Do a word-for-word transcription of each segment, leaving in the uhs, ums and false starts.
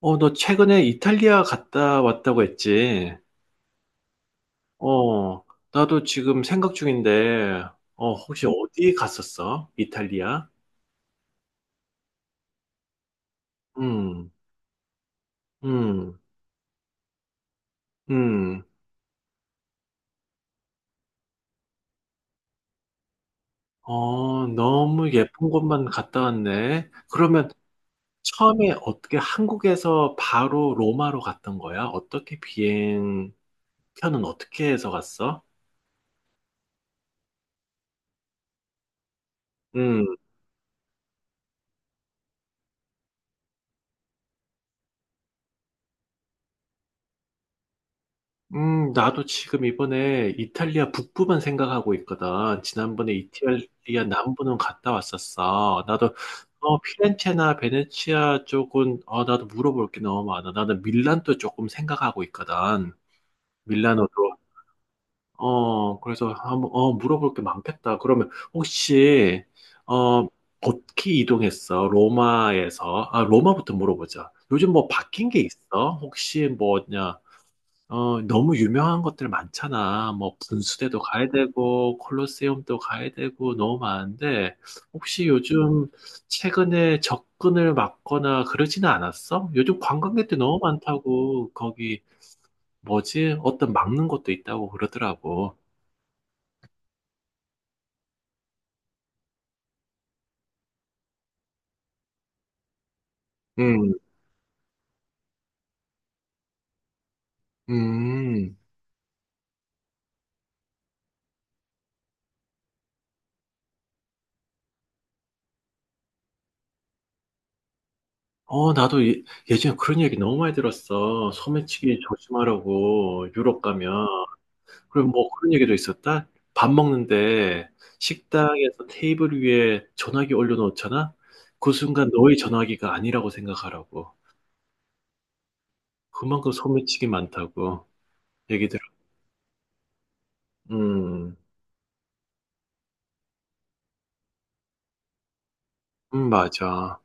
어, 너 최근에 이탈리아 갔다 왔다고 했지? 어, 나도 지금 생각 중인데, 어, 혹시 어디 갔었어? 이탈리아? 음, 음, 음. 어, 너무 예쁜 곳만 갔다 왔네. 그러면 처음에 어떻게 한국에서 바로 로마로 갔던 거야? 어떻게 비행편은 어떻게 해서 갔어? 음. 음, 나도 지금 이번에 이탈리아 북부만 생각하고 있거든. 지난번에 이탈리아 남부는 갔다 왔었어. 나도 어, 피렌체나 베네치아 쪽은 어, 나도 물어볼 게 너무 많아. 나는 밀란도 조금 생각하고 있거든. 밀라노도. 어, 그래서 한번 어, 물어볼 게 많겠다. 그러면 혹시 어, 어떻게 이동했어? 로마에서. 아, 로마부터 물어보자. 요즘 뭐 바뀐 게 있어? 혹시 뭐냐? 어, 너무 유명한 것들 많잖아. 뭐, 분수대도 가야 되고, 콜로세움도 가야 되고, 너무 많은데, 혹시 요즘 최근에 접근을 막거나 그러지는 않았어? 요즘 관광객들 너무 많다고, 거기, 뭐지? 어떤 막는 것도 있다고 그러더라고. 음, 음. 어, 나도 예, 예전에 그런 얘기 너무 많이 들었어. 소매치기 조심하라고, 유럽 가면. 그리고 뭐 그런 얘기도 있었다. 밥 먹는데 식당에서 테이블 위에 전화기 올려놓잖아? 그 순간 너의 전화기가 아니라고 생각하라고. 그만큼 소매치기 많다고. 얘기 들어. 음, 음, 맞아.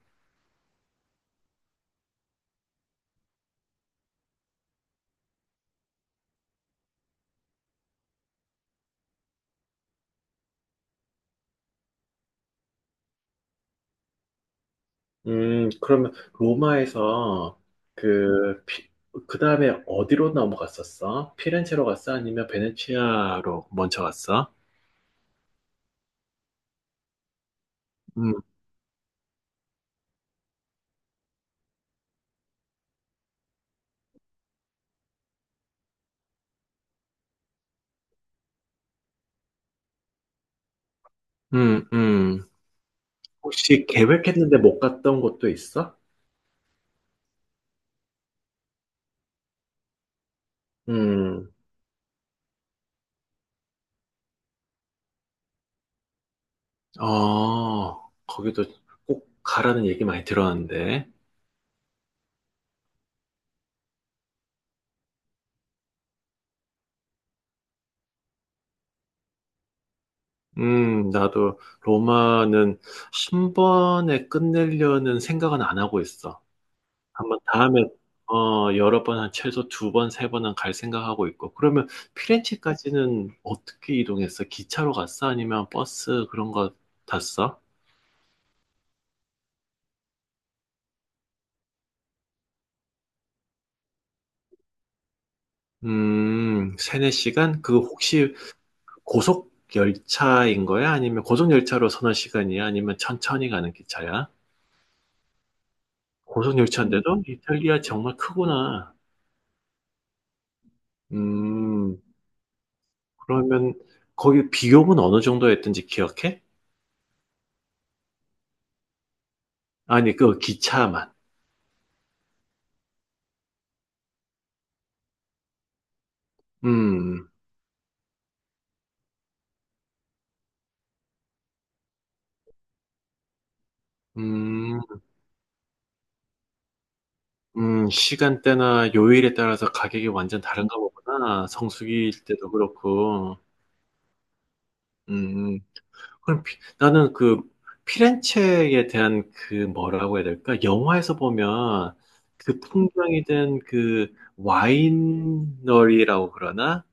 음, 그러면 로마에서 그, 피, 그 다음에 어디로 넘어갔었어? 피렌체로 갔어? 아니면 베네치아로 먼저 갔어? 음, 음, 음. 혹시 계획했는데 못 갔던 곳도 있어? 음. 어, 거기도 꼭 가라는 얘기 많이 들었는데. 음, 나도 로마는 한 번에 끝내려는 생각은 안 하고 있어. 한번 다음에, 어, 여러 번, 한 최소 두 번, 세 번은 갈 생각하고 있고. 그러면 피렌체까지는 어떻게 이동했어? 기차로 갔어? 아니면 버스 그런 거 탔어? 음, 세네 시간? 그 혹시 고속 열차인 거야? 아니면 고속 열차로 서너 시간이야? 아니면 천천히 가는 기차야? 고속 열차인데도? 이탈리아 정말 크구나. 음, 그러면 거기 비용은 어느 정도였던지 기억해? 아니, 그 기차만. 음, 음, 음, 시간대나 요일에 따라서 가격이 완전 다른가 보구나. 성수기일 때도 그렇고. 음. 그럼 피- 나는 그 피렌체에 대한 그 뭐라고 해야 될까? 영화에서 보면 그 풍경이 된 그 와이너리라고 그러나?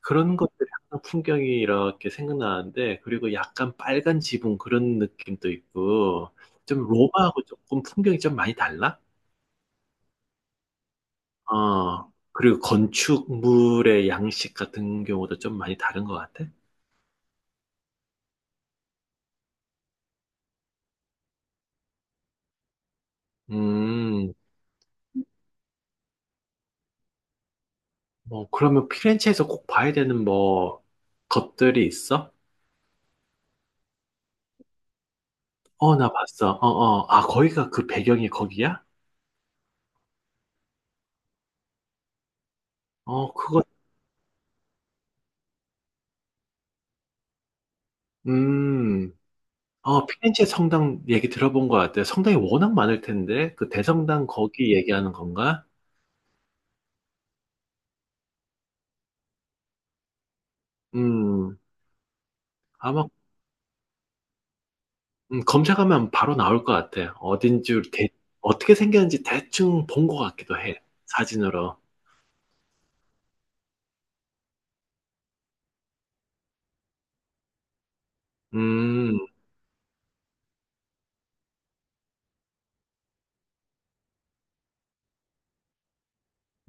그런 것들이 항상 풍경이 이렇게 생각나는데 그리고 약간 빨간 지붕 그런 느낌도 있고 좀 로마하고 조금 풍경이 좀 많이 달라? 어, 그리고 건축물의 양식 같은 경우도 좀 많이 다른 것 같아? 음. 뭐, 그러면 피렌체에서 꼭 봐야 되는 뭐, 것들이 있어? 어, 나 봤어. 어, 어. 아, 거기가 그 배경이 거기야? 어, 그거, 음. 어, 피렌체 성당 얘기 들어본 것 같아. 성당이 워낙 많을 텐데, 그 대성당 거기 얘기하는 건가? 음, 아마, 음, 검색하면 바로 나올 것 같아. 어딘지, 대, 어떻게 생겼는지 대충 본 것 같기도 해. 사진으로. 음,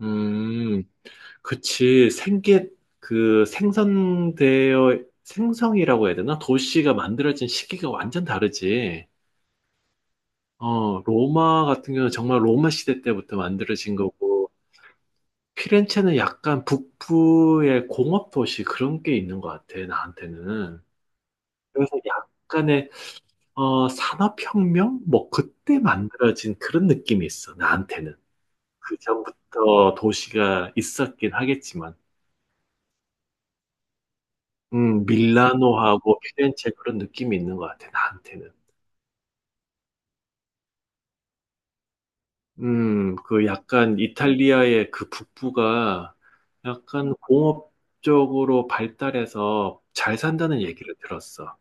음. 그치, 생계, 그 생성되어, 생성이라고 해야 되나? 도시가 만들어진 시기가 완전 다르지. 어, 로마 같은 경우는 정말 로마 시대 때부터 만들어진 거고, 피렌체는 약간 북부의 공업 도시 그런 게 있는 것 같아, 나한테는. 그래서 약간의, 어, 산업혁명? 뭐, 그때 만들어진 그런 느낌이 있어, 나한테는. 그 전부터 도시가 있었긴 하겠지만. 음, 밀라노하고 피렌체 그런 느낌이 있는 것 같아, 나한테는. 음, 그 약간 이탈리아의 그 북부가 약간 공업적으로 발달해서 잘 산다는 얘기를 들었어.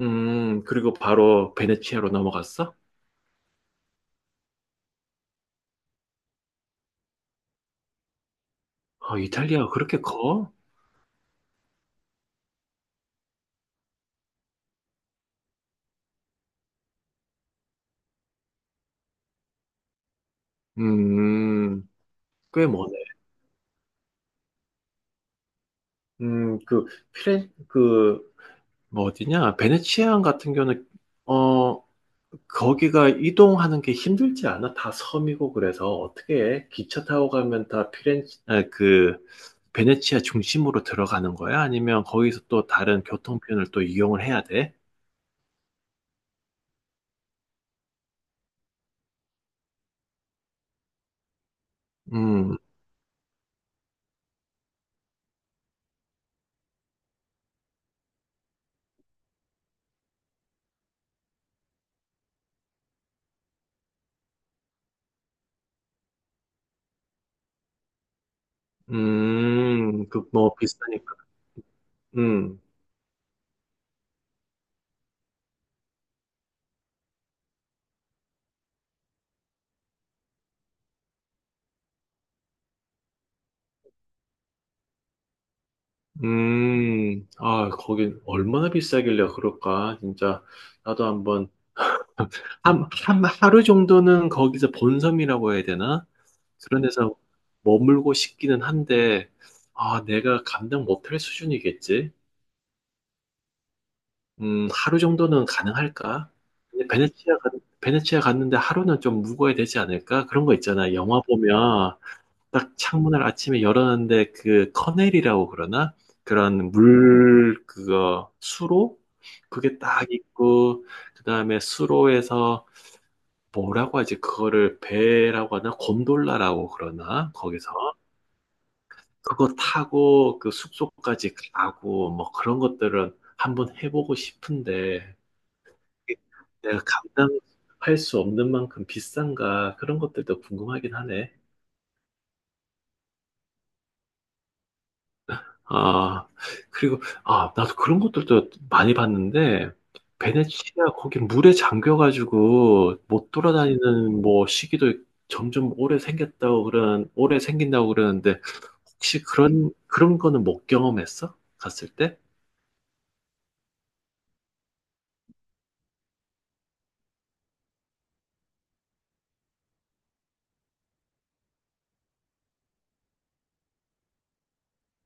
음, 그리고 바로 베네치아로 넘어갔어? 아, 이탈리아가 그렇게 커? 음, 꽤 머네. 음, 그, 피렌, 그, 뭐 어디냐? 베네치아 같은 경우는, 어, 거기가 이동하는 게 힘들지 않아? 다 섬이고 그래서 어떻게 기차 타고 가면 다 피렌체 아, 그 베네치아 중심으로 들어가는 거야? 아니면 거기서 또 다른 교통편을 또 이용을 해야 돼? 음, 음, 그 뭐 비싸니까. 음, 음, 아, 거긴 얼마나 비싸길래 그럴까? 진짜 나도 한번 한, 한, 하루 정도는 거기서 본섬이라고 해야 되나? 그런 데서 머물고 싶기는 한데, 아, 내가 감당 못할 수준이겠지? 음, 하루 정도는 가능할까? 근데 베네치아, 가- 베네치아 갔는데 하루는 좀 묵어야 되지 않을까? 그런 거 있잖아. 영화 보면 딱 창문을 아침에 열었는데 그 커넬이라고 그러나? 그런 물, 그거, 수로? 그게 딱 있고, 그 다음에 수로에서 뭐라고 하지? 그거를 배라고 하나? 곤돌라라고 그러나? 거기서 그거 타고 그 숙소까지 가고 뭐 그런 것들은 한번 해보고 싶은데 내가 감당할 수 없는 만큼 비싼가? 그런 것들도 궁금하긴 하네. 아, 그리고, 아, 나도 그런 것들도 많이 봤는데, 베네치아 거기 물에 잠겨가지고 못 돌아다니는 뭐 시기도 점점 오래 생겼다고 그런 오래 생긴다고 그러는데, 혹시 그런, 그런 거는 못 경험했어? 갔을 때?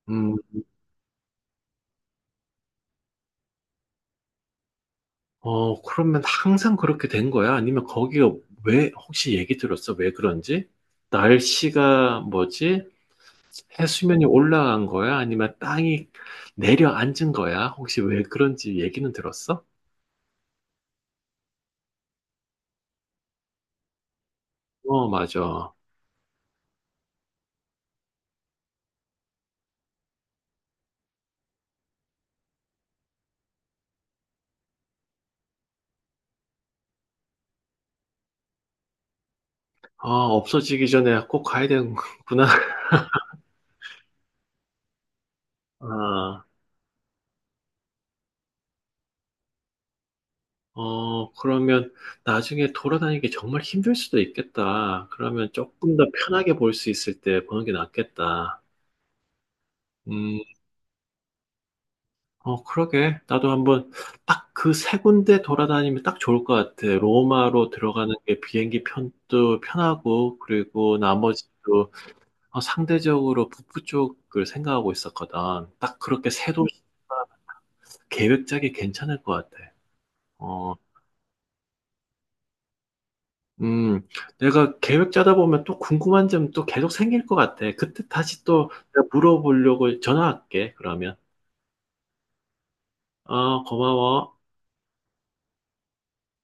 음, 어, 그러면 항상 그렇게 된 거야? 아니면 거기가 왜, 혹시 얘기 들었어? 왜 그런지? 날씨가 뭐지? 해수면이 올라간 거야? 아니면 땅이 내려앉은 거야? 혹시 왜 그런지 얘기는 들었어? 어, 맞아. 아, 없어지기 전에 꼭 가야 되는구나. 아, 어, 그러면 나중에 돌아다니기 정말 힘들 수도 있겠다. 그러면 조금 더 편하게 볼 수 있을 때 보는 게 낫겠다. 음, 어, 그러게. 나도 한번 딱 그 세 군데 돌아다니면 딱 좋을 것 같아. 로마로 들어가는 게 비행기 편도 편하고, 그리고 나머지 도 어, 상대적으로 북부 쪽을 생각하고 있었거든. 딱 그렇게 세 도시가 계획 짜기 괜찮을 것 같아. 어, 음, 내가 계획 짜다 보면 또 궁금한 점 또 계속 생길 것 같아. 그때 다시 또 내가 물어보려고 전화할게, 그러면. 어, 고마워.